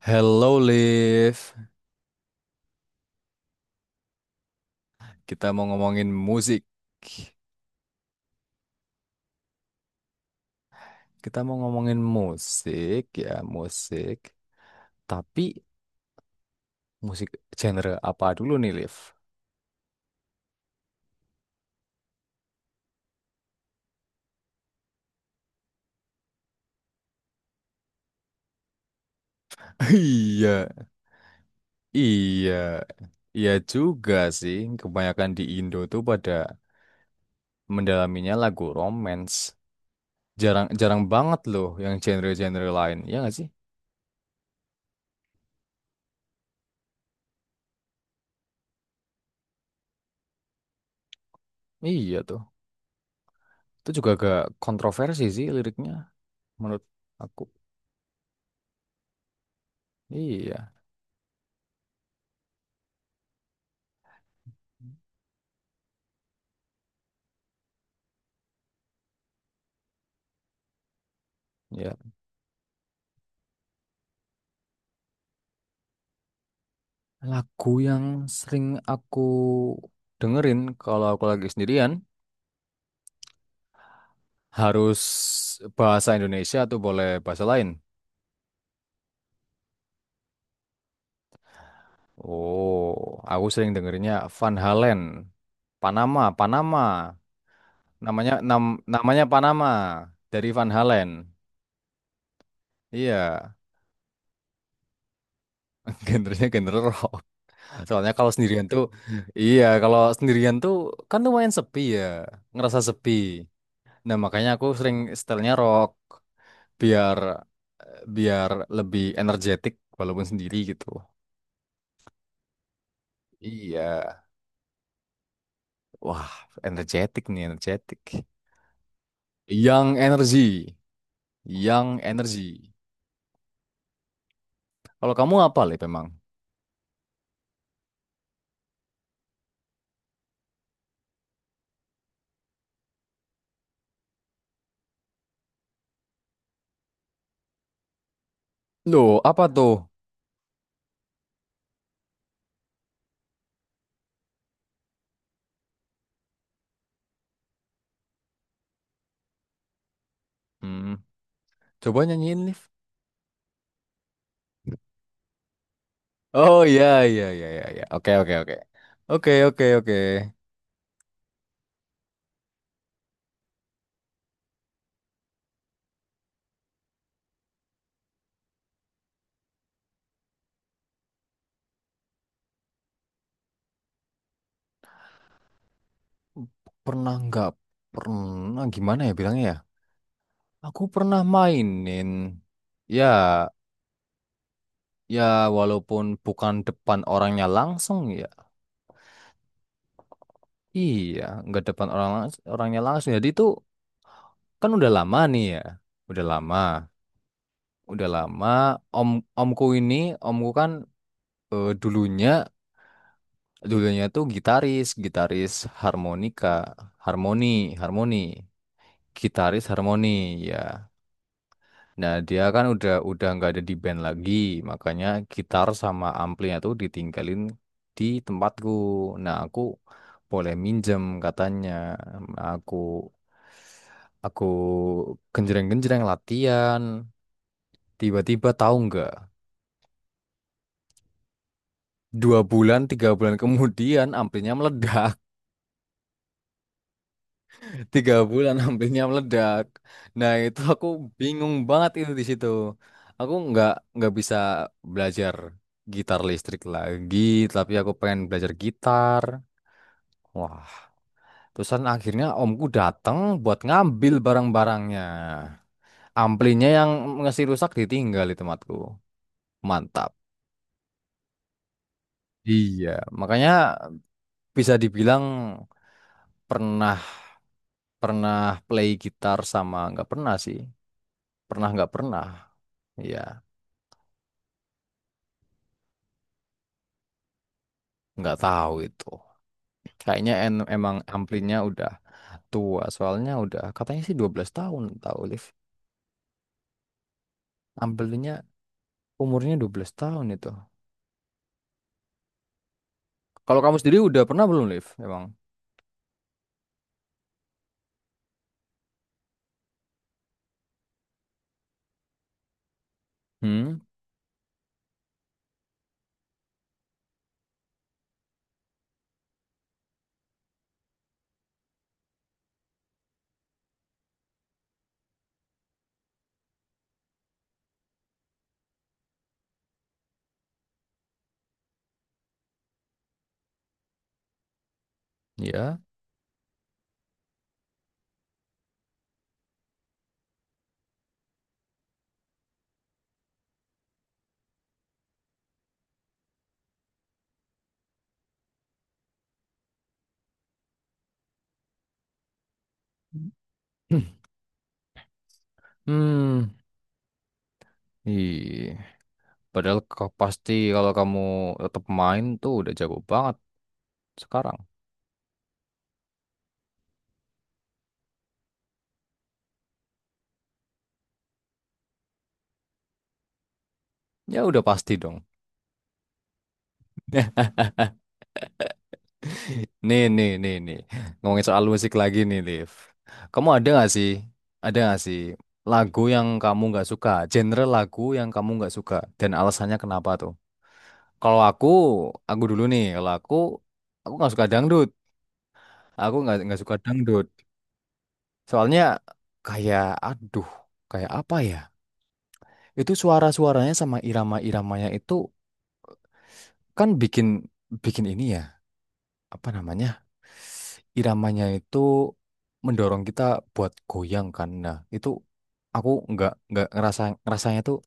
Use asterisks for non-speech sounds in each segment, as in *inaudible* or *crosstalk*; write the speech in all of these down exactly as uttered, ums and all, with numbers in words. Hello Liv, kita mau ngomongin musik. Kita mau ngomongin musik ya, musik. Tapi musik genre apa dulu nih Liv? *laughs* Iya, iya, iya juga sih. Kebanyakan di Indo tuh pada mendalaminya lagu romance. Jarang, jarang banget loh yang genre-genre lain. Iya nggak sih? Iya tuh. Itu juga agak kontroversi sih liriknya menurut aku. Iya. Ya, lagu yang sering aku dengerin kalau aku lagi sendirian harus bahasa Indonesia atau boleh bahasa lain. Oh, aku sering dengerinnya Van Halen, Panama, Panama. Namanya nam, namanya Panama dari Van Halen. Iya, *laughs* genrenya genre rock. Soalnya kalau sendirian tuh, iya kalau sendirian tuh kan lumayan sepi ya, ngerasa sepi. Nah makanya aku sering setelnya rock. Biar eh, biar lebih energetik walaupun sendiri gitu. Iya. Wah, energetik nih, energetik. Yang energi, yang energi. Kalau kamu apa, Liv, memang? Loh, apa tuh? Hmm, coba nyanyiin, Liv. Oh, iya, iya, iya, iya, iya. Oke, oke, oke. Oke, oke, oke. Pernah nggak? Pernah, gimana ya bilangnya ya? Aku pernah mainin. Ya, ya, walaupun bukan depan orangnya langsung ya. Iya, nggak depan orang langs- orangnya langsung. Jadi itu kan udah lama nih ya, udah lama, udah lama. Om Omku ini, omku kan eh, dulunya dulunya tuh gitaris, gitaris harmonika, harmoni, harmoni, gitaris harmoni, ya. Nah, dia kan udah udah nggak ada di band lagi, makanya gitar sama amplinya tuh ditinggalin di tempatku. Nah, aku boleh minjem katanya. Nah, Aku aku genjreng-genjreng latihan. Tiba-tiba tahu nggak? Dua bulan, tiga bulan kemudian amplinya meledak. Tiga bulan *laughs* ambilnya meledak. Nah itu aku bingung banget itu di situ. Aku nggak nggak bisa belajar gitar listrik lagi, tapi aku pengen belajar gitar. Wah, terusan akhirnya omku datang buat ngambil barang-barangnya. Amplinya yang ngasih rusak ditinggal di tempatku. Mantap. Iya, makanya bisa dibilang pernah pernah play gitar sama nggak pernah sih. Pernah nggak pernah. Iya. Nggak tahu itu. Kayaknya en- emang amplinya udah tua, soalnya udah katanya sih dua belas tahun tahu Liv. Amplinya umurnya dua belas tahun itu. Kalau kamu sendiri udah pernah belum Liv? Emang? Hmm, ya. *clears throat* Hmm, ih. Padahal kau pasti kalau kamu tetap main tuh udah jago banget sekarang. Ya udah pasti dong. *laughs* Nih, nih, nih, nih. Ngomongin soal musik lagi nih, Liv. Kamu ada gak sih? Ada gak sih lagu yang kamu nggak suka? Genre lagu yang kamu nggak suka dan alasannya kenapa tuh? Kalau aku, aku dulu nih. Kalau aku, aku nggak suka dangdut. Aku nggak nggak suka dangdut. Soalnya kayak, aduh, kayak apa ya? Itu suara-suaranya sama irama-iramanya itu kan bikin bikin ini ya. Apa namanya, iramanya itu mendorong kita buat goyang kan, nah itu aku nggak nggak ngerasa ngerasanya tuh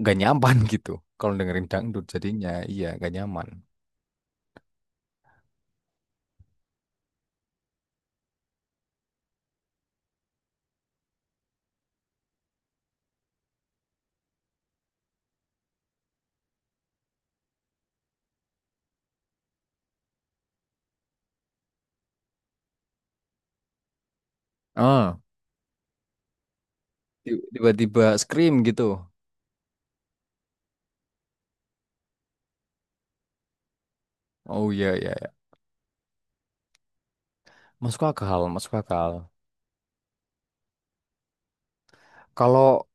nggak nyaman *laughs* gitu kalau dengerin dangdut jadinya iya nggak nyaman. Ah, ti- tiba-tiba scream gitu. Oh iya iya iya. Masuk akal masuk akal. Kalau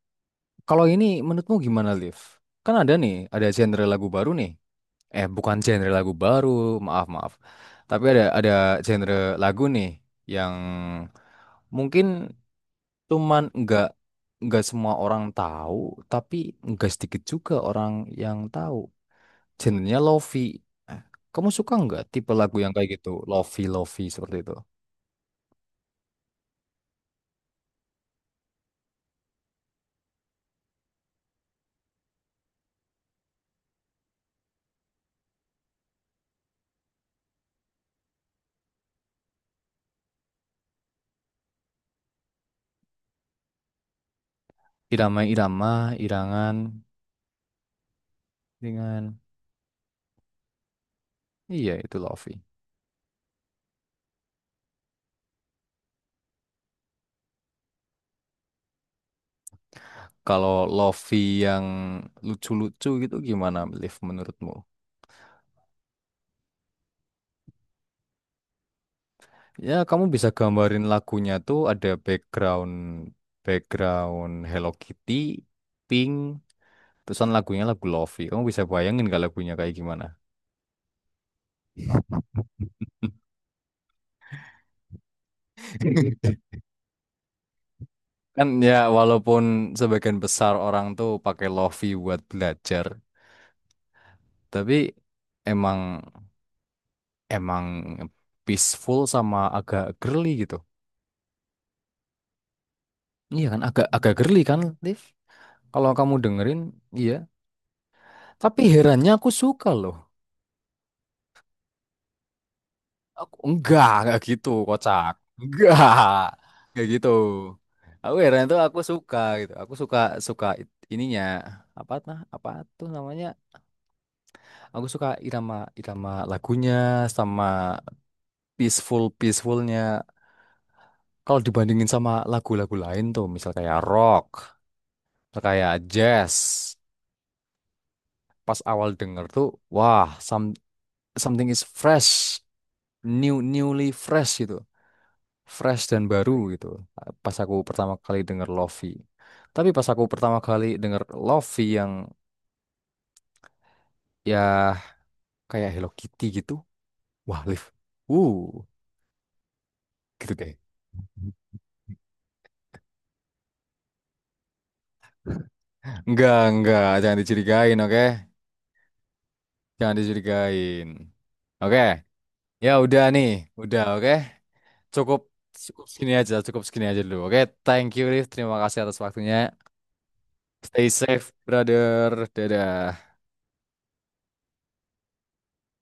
kalau ini menurutmu gimana Liv, kan ada nih ada genre lagu baru nih, eh bukan genre lagu baru, maaf maaf, tapi ada ada genre lagu nih yang mungkin cuman nggak nggak semua orang tahu, tapi nggak sedikit juga orang yang tahu. Genrenya lofi. Eh, kamu suka nggak tipe lagu yang kayak gitu, lofi lofi seperti itu? Irama-irama, irangan, dengan iya itu lofi. Kalau lofi yang lucu-lucu gitu gimana, Liv, menurutmu? Ya, kamu bisa gambarin lagunya tuh ada background background Hello Kitty, Pink, terusan lagunya lagu lofi. Kamu bisa bayangin gak lagunya kayak gimana? *laughs* Kan ya walaupun sebagian besar orang tuh pakai lofi buat belajar, tapi emang emang peaceful sama agak girly gitu. Iya kan agak agak girly kan, Liv? Kalau kamu dengerin, iya. Tapi herannya aku suka loh. Aku enggak, enggak gitu, kocak. Enggak. Enggak gitu. Aku heran tuh aku suka gitu. Aku suka suka it- ininya apa, nah apa tuh namanya? Aku suka irama irama lagunya sama peaceful peacefulnya. Kalau dibandingin sama lagu-lagu lain tuh, misal kayak rock, misal kayak jazz, pas awal denger tuh, wah, some- something is fresh, new newly fresh gitu. Fresh dan baru gitu. Pas aku pertama kali denger lofi. Tapi pas aku pertama kali denger lofi yang ya kayak Hello Kitty gitu. Wah, Liv. Uh, gitu deh. Enggak, enggak, jangan dicurigain, oke? Jangan dicurigain. Oke. Ya udah nih, udah oke. Cukup Cukup segini aja, cukup segini aja dulu. Oke, thank you Liv. Terima kasih atas waktunya. Stay safe, brother. Dadah.